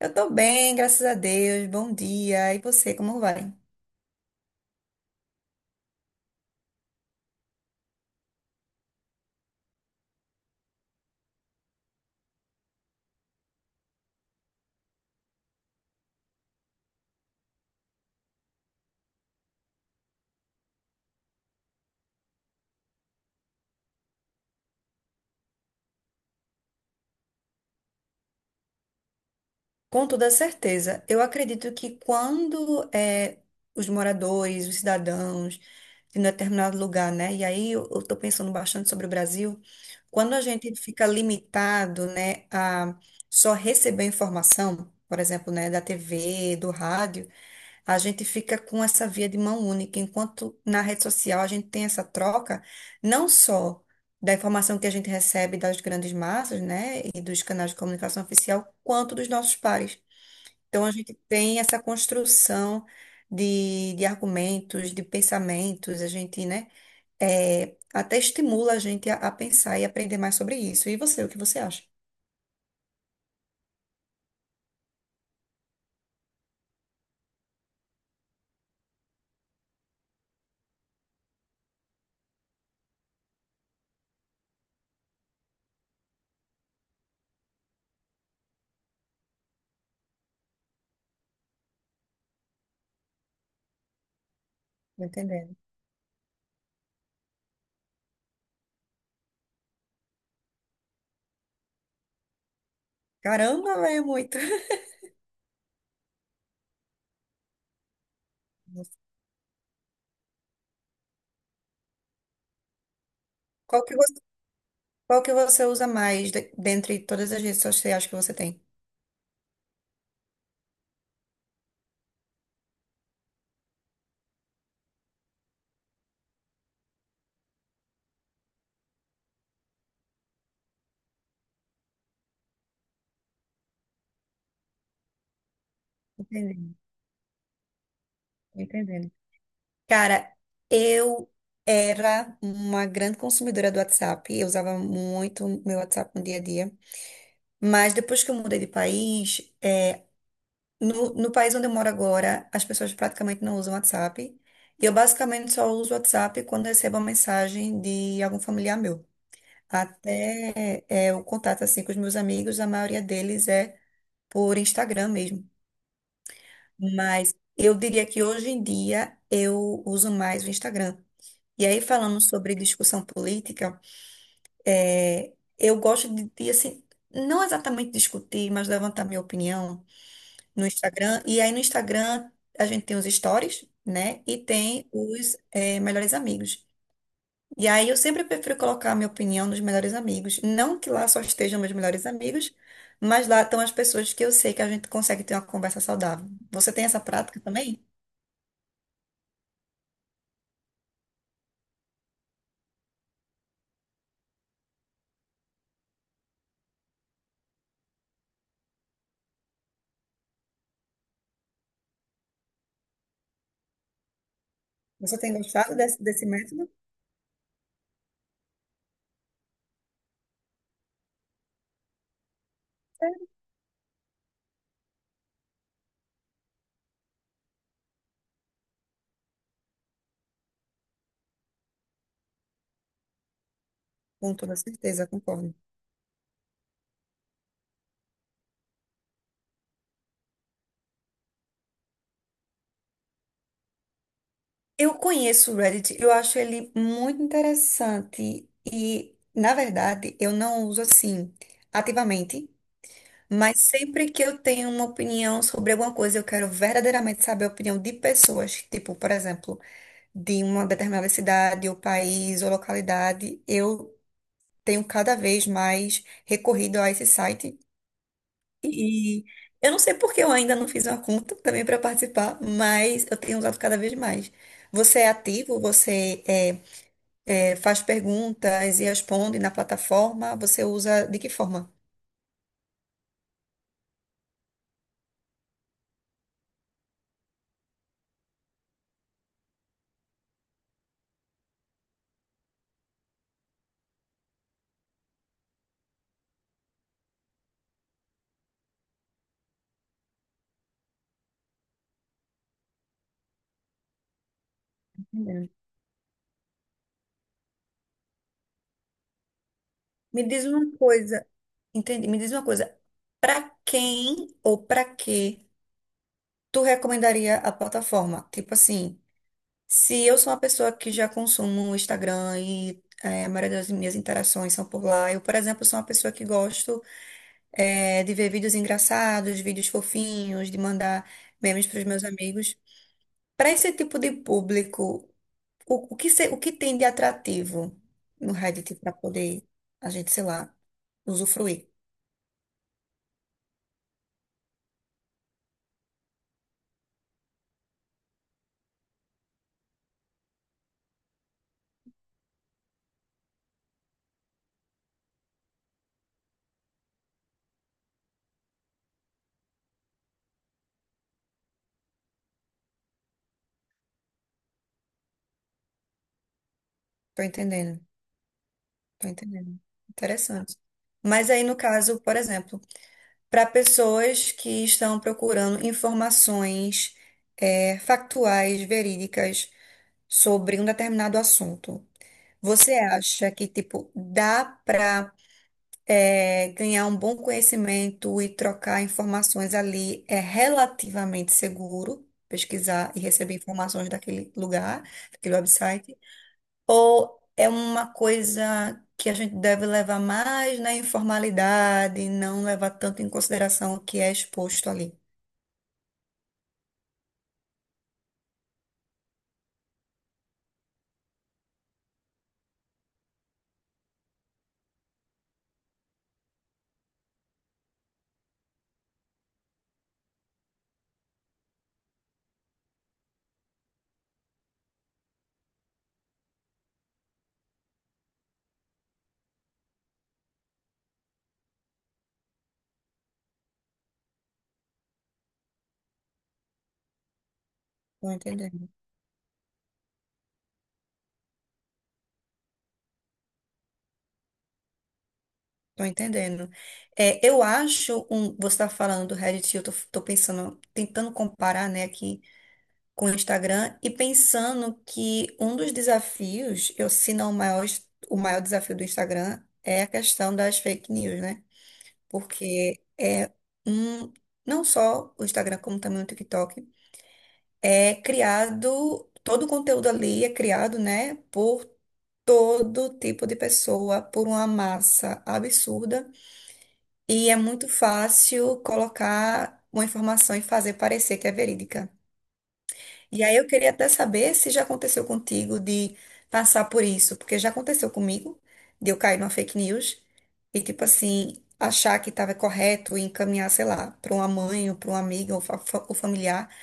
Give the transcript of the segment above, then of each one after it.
Eu tô bem, graças a Deus. Bom dia. E você, como vai? Com toda certeza, eu acredito que quando os moradores, os cidadãos de um determinado lugar, né? E aí eu estou pensando bastante sobre o Brasil, quando a gente fica limitado, né, a só receber informação, por exemplo, né, da TV, do rádio, a gente fica com essa via de mão única, enquanto na rede social a gente tem essa troca, não só da informação que a gente recebe das grandes massas, né, e dos canais de comunicação oficial, quanto dos nossos pares. Então a gente tem essa construção de argumentos, de pensamentos, a gente, né, é, até estimula a gente a pensar e aprender mais sobre isso. E você, o que você acha? Tô entendendo. Caramba, é muito. Nossa. Qual que você, qual que você usa mais dentre todas as redes sociais que você tem? Entendendo, tô entendendo. Cara, eu era uma grande consumidora do WhatsApp. Eu usava muito meu WhatsApp no dia a dia. Mas depois que eu mudei de país, é, no país onde eu moro agora, as pessoas praticamente não usam WhatsApp. E eu basicamente só uso WhatsApp quando recebo uma mensagem de algum familiar meu. Até é, o contato assim com os meus amigos, a maioria deles é por Instagram mesmo. Mas eu diria que hoje em dia eu uso mais o Instagram. E aí, falando sobre discussão política, é, eu gosto assim, não exatamente discutir, mas levantar minha opinião no Instagram. E aí no Instagram a gente tem os stories, né? E tem os melhores amigos. E aí eu sempre prefiro colocar a minha opinião nos melhores amigos. Não que lá só estejam meus melhores amigos, mas lá estão as pessoas que eu sei que a gente consegue ter uma conversa saudável. Você tem essa prática também? Você tem gostado desse método? É, com toda certeza, concordo. Eu conheço o Reddit, eu acho ele muito interessante e, na verdade, eu não uso assim ativamente, mas sempre que eu tenho uma opinião sobre alguma coisa, eu quero verdadeiramente saber a opinião de pessoas, tipo, por exemplo, de uma determinada cidade, ou país, ou localidade, eu tenho cada vez mais recorrido a esse site. E eu não sei porque eu ainda não fiz uma conta também para participar, mas eu tenho usado cada vez mais. Você é ativo? Faz perguntas e responde na plataforma? Você usa de que forma? Entendendo. Me diz uma coisa. Entendi. Me diz uma coisa, para quem ou para que tu recomendaria a plataforma? Tipo assim, se eu sou uma pessoa que já consumo o Instagram e a maioria das minhas interações são por lá, eu, por exemplo, sou uma pessoa que gosto de ver vídeos engraçados, vídeos fofinhos, de mandar memes para os meus amigos. Para esse tipo de público, o que o que tem de atrativo no Reddit para poder a gente, sei lá, usufruir? Tô entendendo. Tô entendendo. Interessante. Mas aí, no caso, por exemplo, para pessoas que estão procurando informações factuais, verídicas sobre um determinado assunto, você acha que, tipo, dá para ganhar um bom conhecimento e trocar informações ali é relativamente seguro? Pesquisar e receber informações daquele lugar, daquele website? Ou é uma coisa que a gente deve levar mais na informalidade, não levar tanto em consideração o que é exposto ali? Tô entendendo. Tô entendendo. É, eu acho, um, você está falando do Reddit, eu tô pensando, tentando comparar, né, aqui com o Instagram e pensando que um dos desafios, eu, se não o maior, o maior desafio do Instagram é a questão das fake news, né? Porque é um, não só o Instagram, como também o TikTok é criado, todo o conteúdo ali é criado, né, por todo tipo de pessoa, por uma massa absurda, e é muito fácil colocar uma informação e fazer parecer que é verídica. E aí eu queria até saber se já aconteceu contigo de passar por isso, porque já aconteceu comigo, de eu cair numa fake news e, tipo assim, achar que estava correto e encaminhar, sei lá, para uma mãe ou para um amigo ou ou familiar.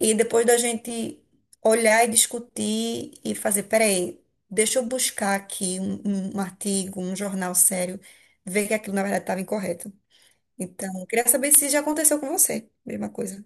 E depois da gente olhar e discutir e fazer, peraí, deixa eu buscar aqui um artigo, um jornal sério, ver que aquilo na verdade estava incorreto. Então, eu queria saber se já aconteceu com você, mesma coisa.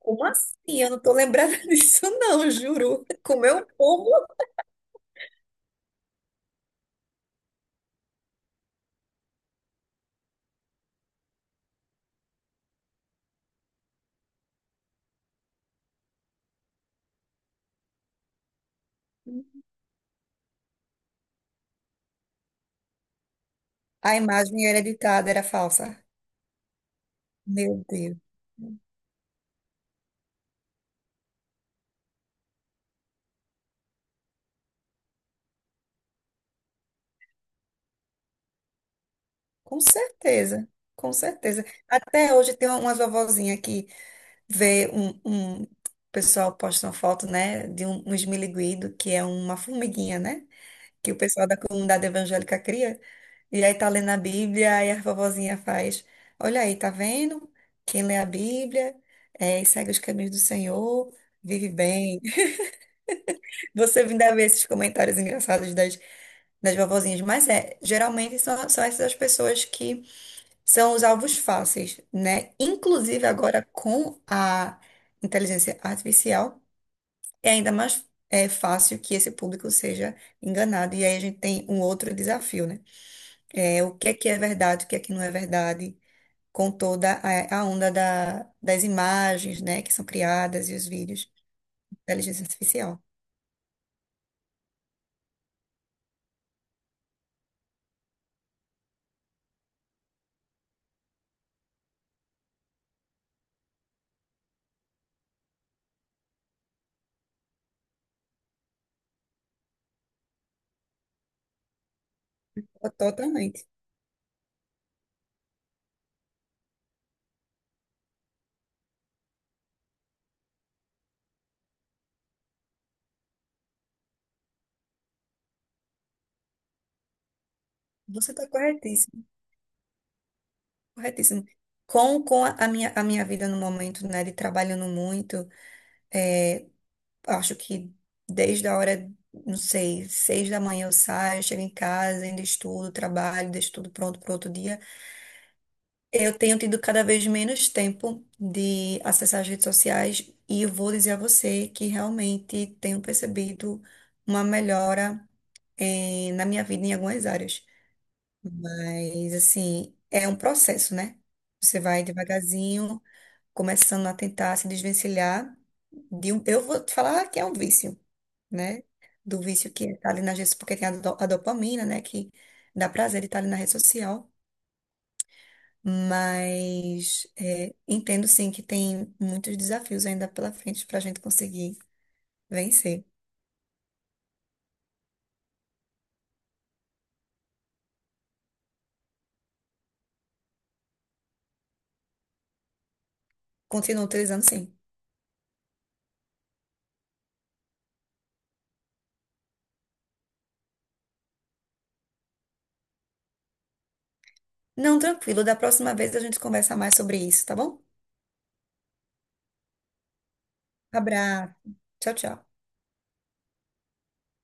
Como assim? Eu não tô lembrada disso, não, juro. Comeu meu povo, a imagem era editada, era falsa. Meu Deus. Com certeza, com certeza. Até hoje tem umas vovozinhas que vê um, o pessoal posta uma foto, né, de um, um esmiliguido, que é uma formiguinha, né, que o pessoal da comunidade evangélica cria. E aí tá lendo a Bíblia e a vovozinha faz, olha aí, tá vendo? Quem lê a Bíblia é, e segue os caminhos do Senhor, vive bem. Você ainda vê esses comentários engraçados das, das vovozinhas, mas é, geralmente são essas as pessoas que são os alvos fáceis, né? Inclusive agora com a inteligência artificial, é ainda mais é, fácil que esse público seja enganado. E aí a gente tem um outro desafio, né? É, o que é verdade, o que é que não é verdade, com toda a onda das imagens, né, que são criadas e os vídeos de inteligência artificial. Totalmente. Você está corretíssimo. Corretíssimo. Com a minha, a minha vida no momento, né, de trabalhando muito, acho que desde a hora, não sei, 6 da manhã eu saio, chego em casa, ainda estudo, trabalho, deixo tudo pronto para outro dia. Eu tenho tido cada vez menos tempo de acessar as redes sociais e eu vou dizer a você que realmente tenho percebido uma melhora, na minha vida em algumas áreas. Mas, assim, é um processo, né? Você vai devagarzinho começando a tentar se desvencilhar de um, eu vou te falar que é um vício, né? Do vício que está ali nas redes, porque tem a, a dopamina, né? Que dá prazer de estar ali na rede social. Mas é, entendo sim que tem muitos desafios ainda pela frente para a gente conseguir vencer. Continuo utilizando sim. Não, tranquilo. Da próxima vez a gente conversa mais sobre isso, tá bom? Abraço. Tchau, tchau.